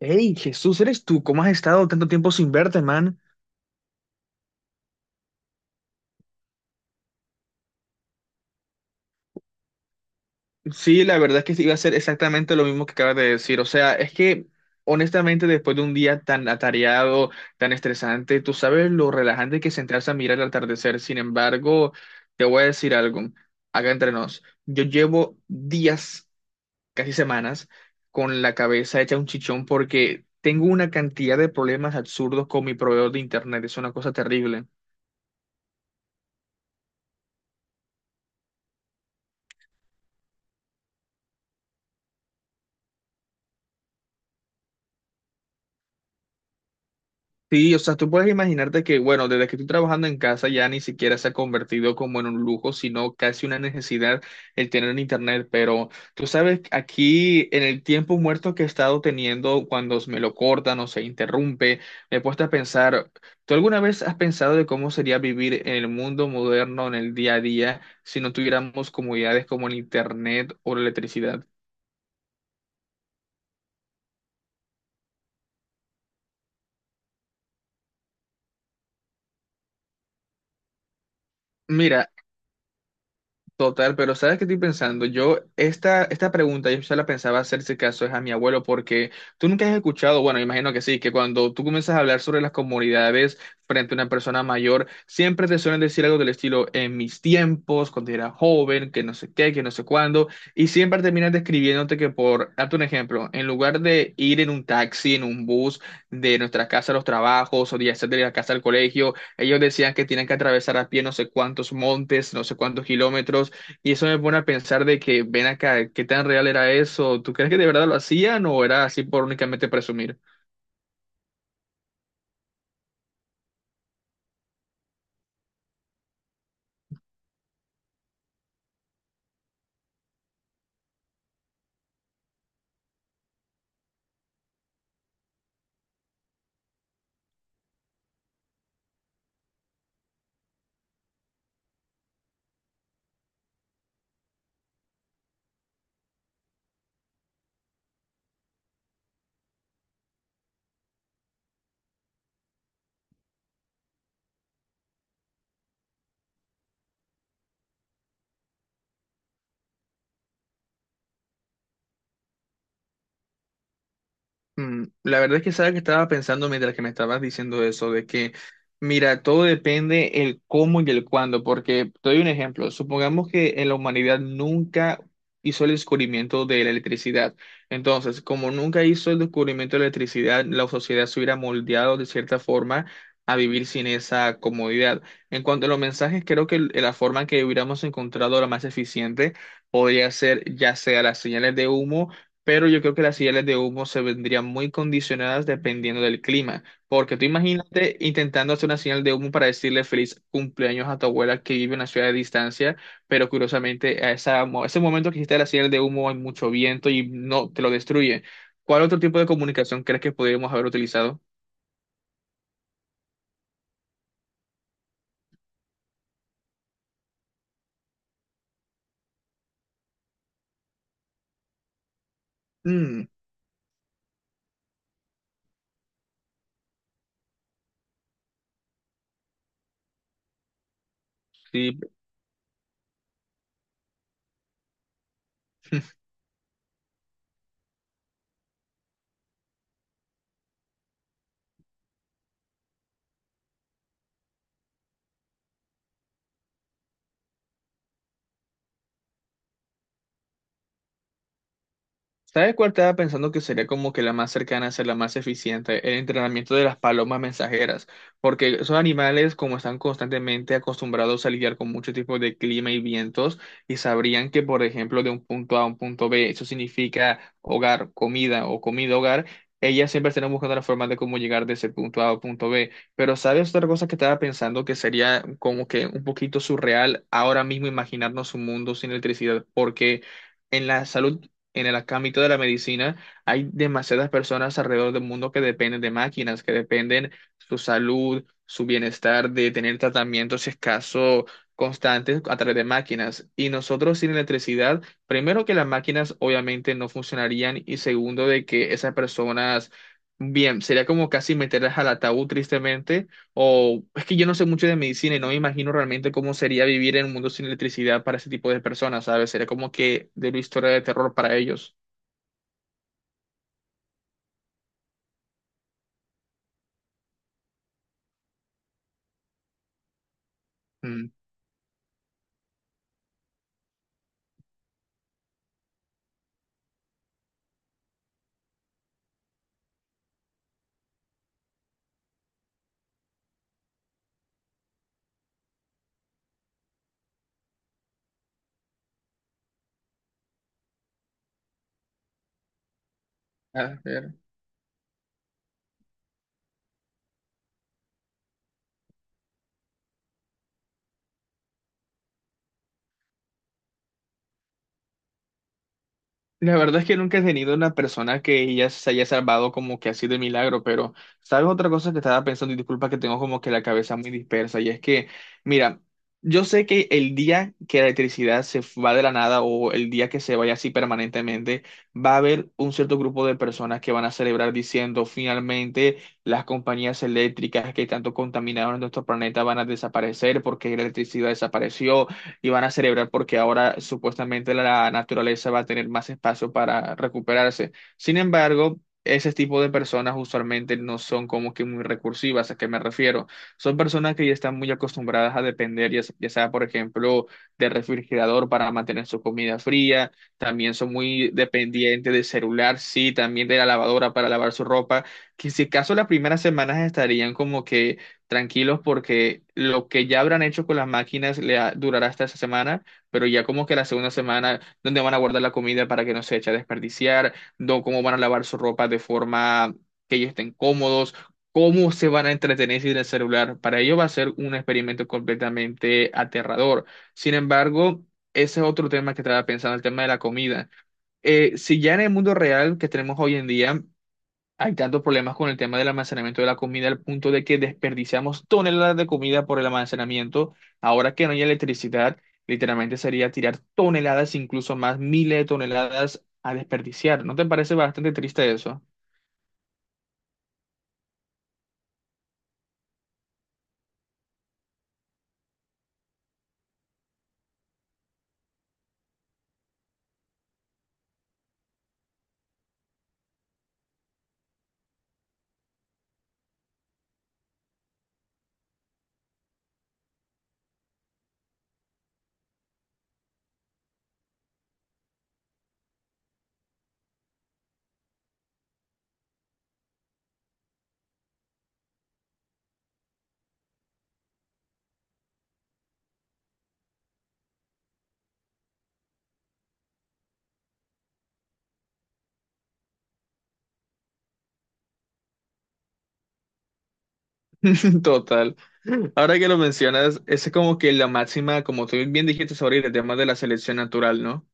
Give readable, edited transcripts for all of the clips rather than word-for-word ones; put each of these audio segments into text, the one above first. Hey, Jesús, ¿eres tú? ¿Cómo has estado tanto tiempo sin verte, man? Sí, la verdad es que sí, iba a ser exactamente lo mismo que acabas de decir. O sea, es que honestamente después de un día tan atareado, tan estresante, tú sabes lo relajante que es sentarse a mirar el atardecer. Sin embargo, te voy a decir algo, acá entre nos. Yo llevo días, casi semanas, con la cabeza hecha un chichón porque tengo una cantidad de problemas absurdos con mi proveedor de internet. Es una cosa terrible. Sí, o sea, tú puedes imaginarte que, bueno, desde que estoy trabajando en casa ya ni siquiera se ha convertido como en un lujo, sino casi una necesidad el tener internet. Pero tú sabes, aquí en el tiempo muerto que he estado teniendo, cuando me lo cortan o se interrumpe, me he puesto a pensar, ¿tú alguna vez has pensado de cómo sería vivir en el mundo moderno, en el día a día, si no tuviéramos comodidades como el internet o la electricidad? Mira, total, pero ¿sabes qué estoy pensando? Yo, esta pregunta yo ya la pensaba hacer si caso es a mi abuelo, porque tú nunca has escuchado, bueno, imagino que sí, que cuando tú comienzas a hablar sobre las comunidades frente a una persona mayor, siempre te suelen decir algo del estilo, en mis tiempos, cuando era joven, que no sé qué, que no sé cuándo, y siempre terminas describiéndote que por, darte un ejemplo, en lugar de ir en un taxi, en un bus, de nuestra casa a los trabajos, o de hacer de la casa al colegio, ellos decían que tienen que atravesar a pie no sé cuántos montes, no sé cuántos kilómetros, y eso me pone a pensar de que, ven acá, ¿qué tan real era eso? ¿Tú crees que de verdad lo hacían o era así por únicamente presumir? Mm, la verdad es que sabes que estaba pensando mientras que me estabas diciendo eso, de que, mira, todo depende el cómo y el cuándo, porque te doy un ejemplo, supongamos que en la humanidad nunca hizo el descubrimiento de la electricidad, entonces, como nunca hizo el descubrimiento de la electricidad, la sociedad se hubiera moldeado de cierta forma a vivir sin esa comodidad. En cuanto a los mensajes, creo que la forma en que hubiéramos encontrado la más eficiente podría ser ya sea las señales de humo, pero yo creo que las señales de humo se vendrían muy condicionadas dependiendo del clima, porque tú imagínate intentando hacer una señal de humo para decirle feliz cumpleaños a tu abuela que vive en una ciudad de distancia, pero curiosamente a ese momento que hiciste la señal de humo hay mucho viento y no te lo destruye. ¿Cuál otro tipo de comunicación crees que podríamos haber utilizado? Mm, sí. ¿Sabes cuál estaba pensando que sería como que la más cercana a ser la más eficiente? El entrenamiento de las palomas mensajeras, porque esos animales como están constantemente acostumbrados a lidiar con muchos tipos de clima y vientos y sabrían que por ejemplo de un punto A a un punto B, eso significa hogar, comida o comida hogar. Ellas siempre estarán buscando la forma de cómo llegar de ese punto A a punto B. Pero ¿sabes otra cosa que estaba pensando que sería como que un poquito surreal ahora mismo imaginarnos un mundo sin electricidad? Porque en la salud, en el ámbito de la medicina, hay demasiadas personas alrededor del mundo que dependen de máquinas, que dependen su salud, su bienestar, de tener tratamientos, si es caso, constantes a través de máquinas. Y nosotros sin electricidad, primero que las máquinas obviamente no funcionarían y segundo de que esas personas, bien, sería como casi meterlas al ataúd tristemente o es que yo no sé mucho de medicina y no me imagino realmente cómo sería vivir en un mundo sin electricidad para ese tipo de personas, ¿sabes? Sería como que de una historia de terror para ellos. Mm. Ah, la verdad es que nunca he tenido una persona que ella se haya salvado como que así de milagro, pero ¿sabes otra cosa que estaba pensando? Y disculpa que tengo como que la cabeza muy dispersa, y es que, mira, yo sé que el día que la electricidad se va de la nada o el día que se vaya así permanentemente, va a haber un cierto grupo de personas que van a celebrar diciendo, finalmente las compañías eléctricas que tanto contaminaron nuestro planeta van a desaparecer porque la electricidad desapareció y van a celebrar porque ahora supuestamente la naturaleza va a tener más espacio para recuperarse. Sin embargo, ese tipo de personas usualmente no son como que muy recursivas, ¿a qué me refiero? Son personas que ya están muy acostumbradas a depender, ya, ya sea, por ejemplo, del refrigerador para mantener su comida fría, también son muy dependientes del celular, sí, también de la lavadora para lavar su ropa, que si acaso las primeras semanas estarían como que tranquilos porque lo que ya habrán hecho con las máquinas durará hasta esa semana, pero ya como que la segunda semana, donde van a guardar la comida para que no se eche a desperdiciar, no, cómo van a lavar su ropa de forma que ellos estén cómodos, cómo se van a entretener sin el celular. Para ellos va a ser un experimento completamente aterrador. Sin embargo, ese es otro tema que estaba pensando, el tema de la comida. Si ya en el mundo real que tenemos hoy en día, hay tantos problemas con el tema del almacenamiento de la comida al punto de que desperdiciamos toneladas de comida por el almacenamiento. Ahora que no hay electricidad, literalmente sería tirar toneladas, incluso más miles de toneladas a desperdiciar. ¿No te parece bastante triste eso? Total. Ahora que lo mencionas, esa es como que la máxima, como tú bien dijiste sobre el tema de la selección natural, ¿no?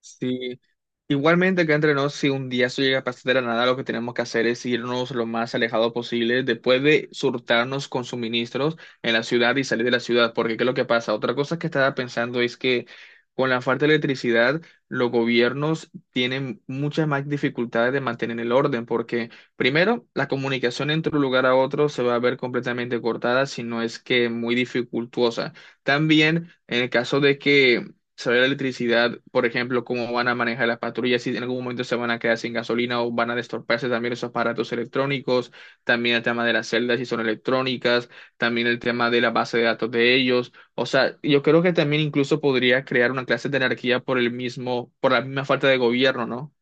Sí, igualmente acá entre nos, si un día eso llega a pasar de la nada, lo que tenemos que hacer es irnos lo más alejado posible después de surtarnos con suministros en la ciudad y salir de la ciudad, porque ¿qué es lo que pasa? Otra cosa que estaba pensando es que con la falta de electricidad, los gobiernos tienen muchas más dificultades de mantener el orden, porque primero, la comunicación entre un lugar a otro se va a ver completamente cortada, si no es que muy dificultuosa. También, en el caso de que saber la electricidad, por ejemplo, cómo van a manejar las patrullas, si en algún momento se van a quedar sin gasolina o van a destorparse también esos aparatos electrónicos, también el tema de las celdas si son electrónicas, también el tema de la base de datos de ellos. O sea, yo creo que también incluso podría crear una clase de anarquía por el mismo, por la misma falta de gobierno, ¿no?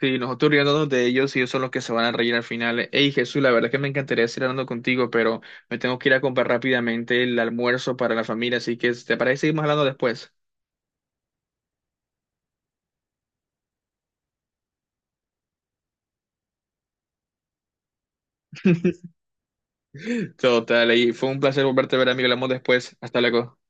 Sí, nosotros riéndonos de ellos y ellos son los que se van a reír al final. Hey Jesús, la verdad es que me encantaría seguir hablando contigo, pero me tengo que ir a comprar rápidamente el almuerzo para la familia, así que ¿te parece seguimos hablando después? Total, y fue un placer volverte a ver, amigo. Hablamos después. Hasta luego.